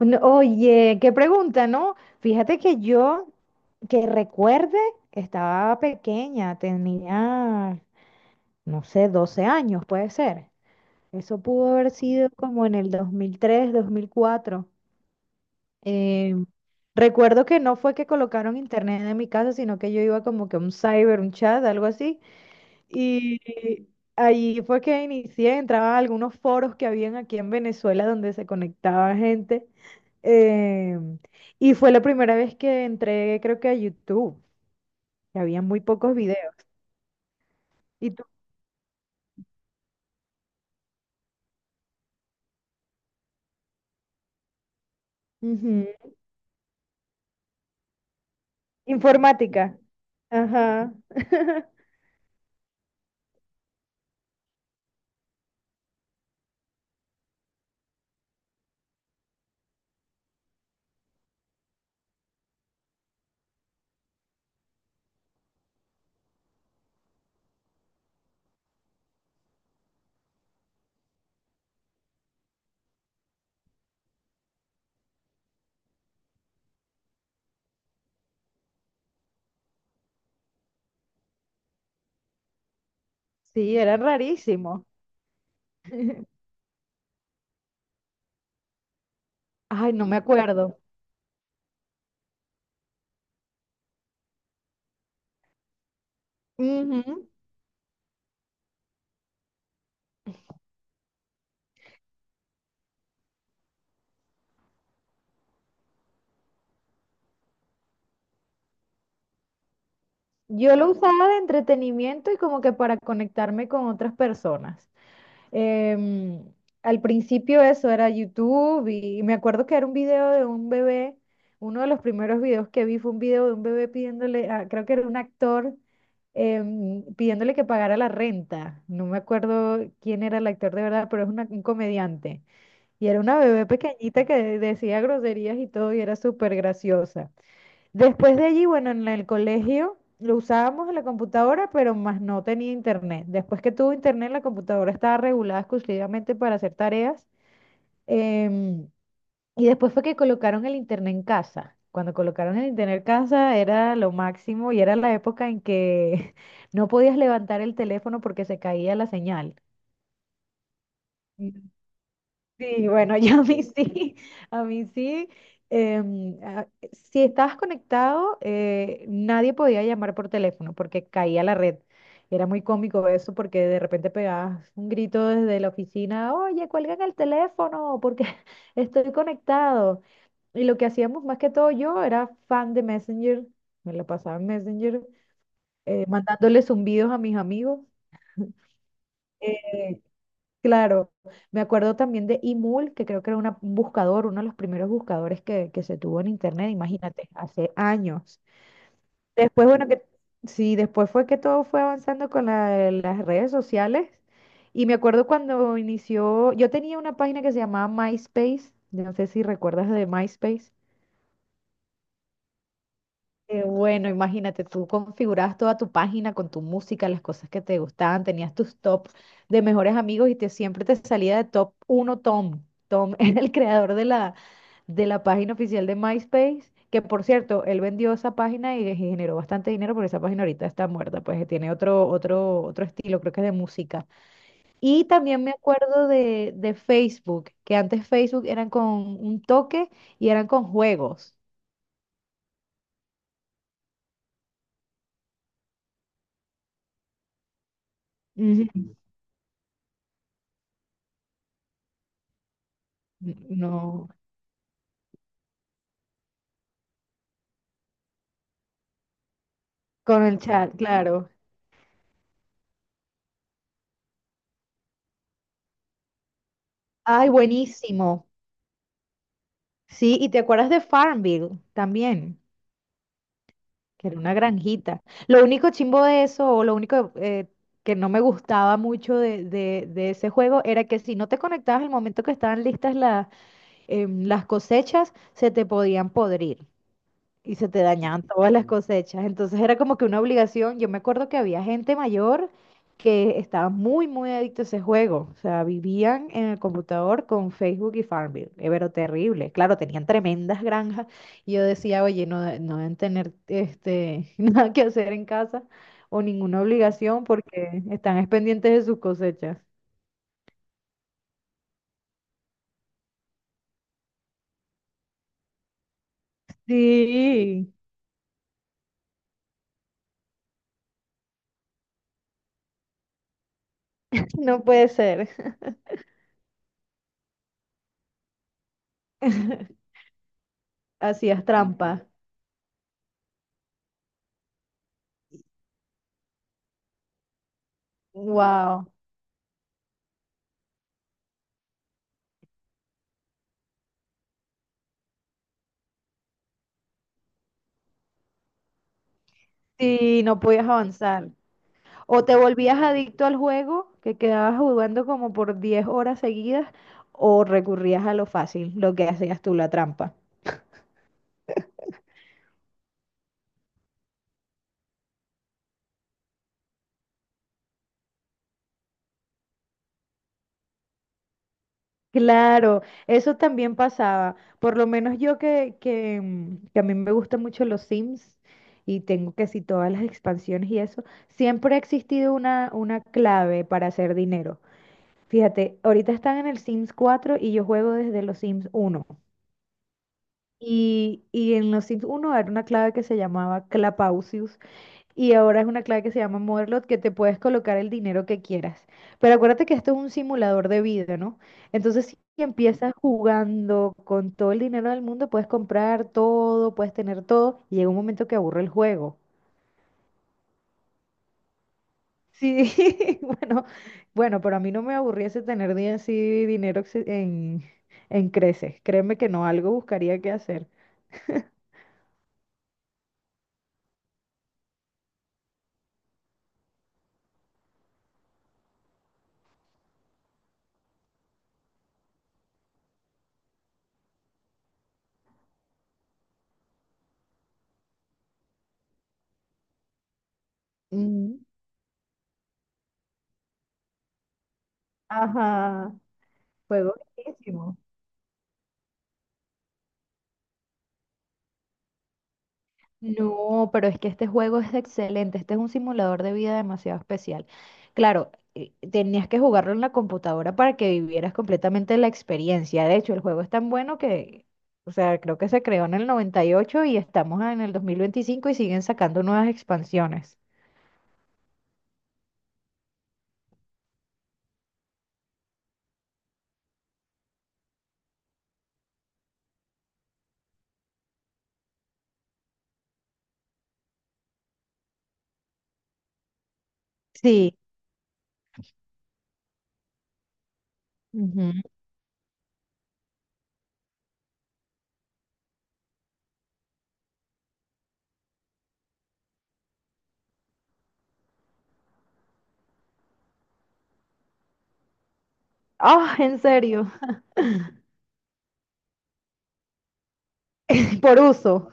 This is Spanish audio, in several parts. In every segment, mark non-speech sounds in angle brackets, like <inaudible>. No, oye, qué pregunta, ¿no? Fíjate que yo, que recuerde, estaba pequeña, tenía, no sé, 12 años, puede ser. Eso pudo haber sido como en el 2003, 2004. Eh, Recuerdo que no fue que colocaron internet en mi casa, sino que yo iba como que a un cyber, un chat, algo así. Y allí fue que inicié, entraba a algunos foros que habían aquí en Venezuela donde se conectaba gente. Eh, y fue la primera vez que entré, creo que a YouTube, que había muy pocos videos. ¿Y tú? Ujú. Informática. Ajá. <laughs> Sí, era rarísimo. <laughs> Ay, no me acuerdo. Ujú. Yo lo usaba de entretenimiento y como que para conectarme con otras personas. Em, Al principio eso era YouTube y me acuerdo que era un video de un bebé, uno de los primeros videos que vi fue un video de un bebé pidiéndole, creo que era un actor, pidiéndole que pagara la renta. No me acuerdo quién era el actor de verdad, pero es un comediante. Y era una bebé pequeñita que decía groserías y todo y era súper graciosa. Después de allí, bueno, en el colegio lo usábamos en la computadora, pero más no tenía internet. Después que tuvo internet, la computadora estaba regulada exclusivamente para hacer tareas. em, y después fue que colocaron el internet en casa. Cuando colocaron el internet en casa era lo máximo y era la época en que <laughs> no podías levantar el teléfono porque se caía la señal. Sí, bueno, <laughs> yo a mí sí, <laughs> a mí sí. em, a- si estabas conectado, nadie podía llamar por teléfono porque caía la red. Era muy cómico eso porque de repente pegabas un grito desde la oficina, oye, cuelgan el teléfono porque <laughs> estoy conectado. Y lo que hacíamos más que todo, yo era fan de Messenger, me la pasaba en Messenger, mandándole zumbidos a mis amigos. Eh, Claro, me acuerdo también de Imul, que creo que era un buscador, uno de los primeros buscadores que se tuvo en internet, imagínate, hace años. Después, bueno, que sí, después fue que todo fue avanzando con las redes sociales. Y me acuerdo cuando inició, yo tenía una página que se llamaba MySpace, no sé si recuerdas de MySpace. Qué bueno, imagínate, tú configurabas toda tu página con tu música, las cosas que te gustaban, tenías tus top de mejores amigos y te siempre te salía de top uno Tom. Tom <laughs> era el creador de la página oficial de MySpace, que por cierto, él vendió esa página y generó bastante dinero, porque esa página ahorita está muerta, pues tiene otro estilo, creo que es de música. Y también me acuerdo de Facebook, que antes Facebook eran con un toque y eran con juegos. Ujú. No. Con el chat, claro. Ay, buenísimo. Sí, y te acuerdas de Farmville también, que era una granjita. Lo único chimbo de eso, o lo único que no me gustaba mucho de ese juego, era que si no te conectabas al momento que estaban listas las cosechas, se te podían podrir. Y se te dañaban todas las cosechas. Entonces era como que una obligación. Yo me acuerdo que había gente mayor que estaba muy, muy adicto a ese juego. O sea, vivían en el computador con Facebook y Farmville. Pero terrible. Claro, tenían tremendas granjas. Y yo decía, oye, no, no deben tener este, <laughs> nada que hacer en casa o ninguna obligación porque están es pendientes de sus cosechas. Sí, no puede ser. <laughs> Hacías trampa. Wow. Sí, no podías avanzar. O te volvías adicto al juego, que quedabas jugando como por 10 horas seguidas, o recurrías a lo fácil, lo que hacías tú, la trampa. Claro, eso también pasaba. Por lo menos yo que a mí me gustan mucho los Sims y tengo que si todas las expansiones y eso, siempre ha existido una clave para hacer dinero. Fíjate, ahorita están en el Sims 4 y yo juego desde los Sims 1. Y en los Sims 1 era una clave que se llamaba Clapausius. Y ahora es una clave que se llama Motherlode que te puedes colocar el dinero que quieras. Pero acuérdate que esto es un simulador de vida, ¿no? Entonces, si empiezas jugando con todo el dinero del mundo, puedes comprar todo, puedes tener todo, y llega un momento que aburre el juego. Sí, <laughs> bueno, bueno, pero a mí no me aburriese tener así dinero en creces. Créeme que no, algo buscaría que hacer. Mm. Ajá, juego. No, pero es que este juego es excelente. Este es un simulador de vida demasiado especial. Claro, tenías que jugarlo en la computadora para que vivieras completamente la experiencia. De hecho, el juego es tan bueno que, o sea, creo que se creó en el 98 y ocho y estamos en el 2025 y siguen sacando nuevas expansiones. Sí. Ujú. Ah, ¿en serio? <laughs> Por uso,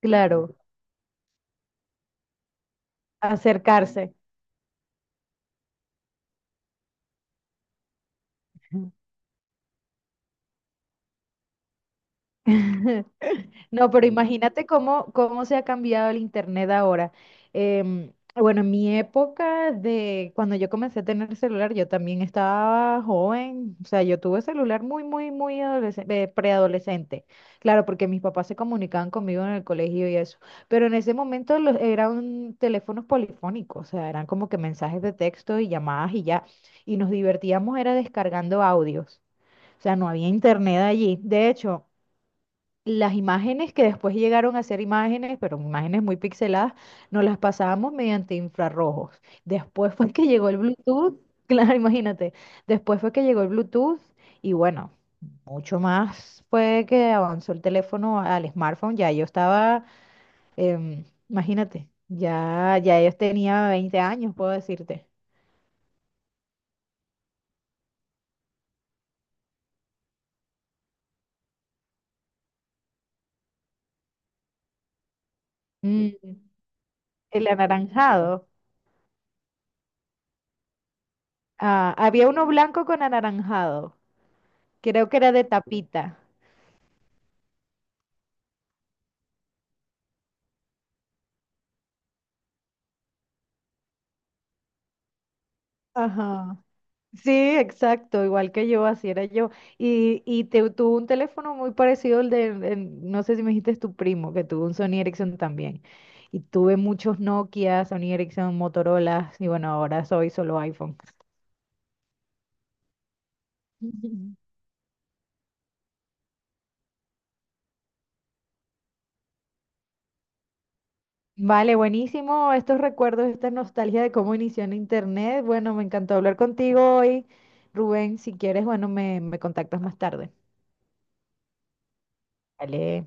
claro, acercarse. <laughs> No, pero imagínate cómo, cómo se ha cambiado el internet ahora. Bueno, en mi época de cuando yo comencé a tener celular, yo también estaba joven, o sea, yo tuve celular muy, muy, muy preadolescente. Claro, porque mis papás se comunicaban conmigo en el colegio y eso. Pero en ese momento eran teléfonos polifónicos, o sea, eran como que mensajes de texto y llamadas y ya. Y nos divertíamos era descargando audios. O sea, no había internet allí. De hecho, las imágenes que después llegaron a ser imágenes, pero imágenes muy pixeladas, nos las pasábamos mediante infrarrojos. Después fue que llegó el Bluetooth, <laughs> claro, imagínate, después fue que llegó el Bluetooth y bueno, mucho más fue que avanzó el teléfono al smartphone, ya yo estaba, imagínate, ya yo tenía 20 años, puedo decirte. Mm, el anaranjado. Ah, había uno blanco con anaranjado, creo que era de tapita. Ajá. Sí, exacto, igual que yo, así era yo. Y te, tuvo un teléfono muy parecido al de, no sé si me dijiste es tu primo, que tuvo un Sony Ericsson también. Y tuve muchos Nokia, Sony Ericsson, Motorola, y bueno, ahora soy solo iPhone. <laughs> Vale, buenísimo estos recuerdos, esta nostalgia de cómo inició en Internet. Bueno, me encantó hablar contigo hoy. Rubén, si quieres, bueno, me contactas más tarde. Vale.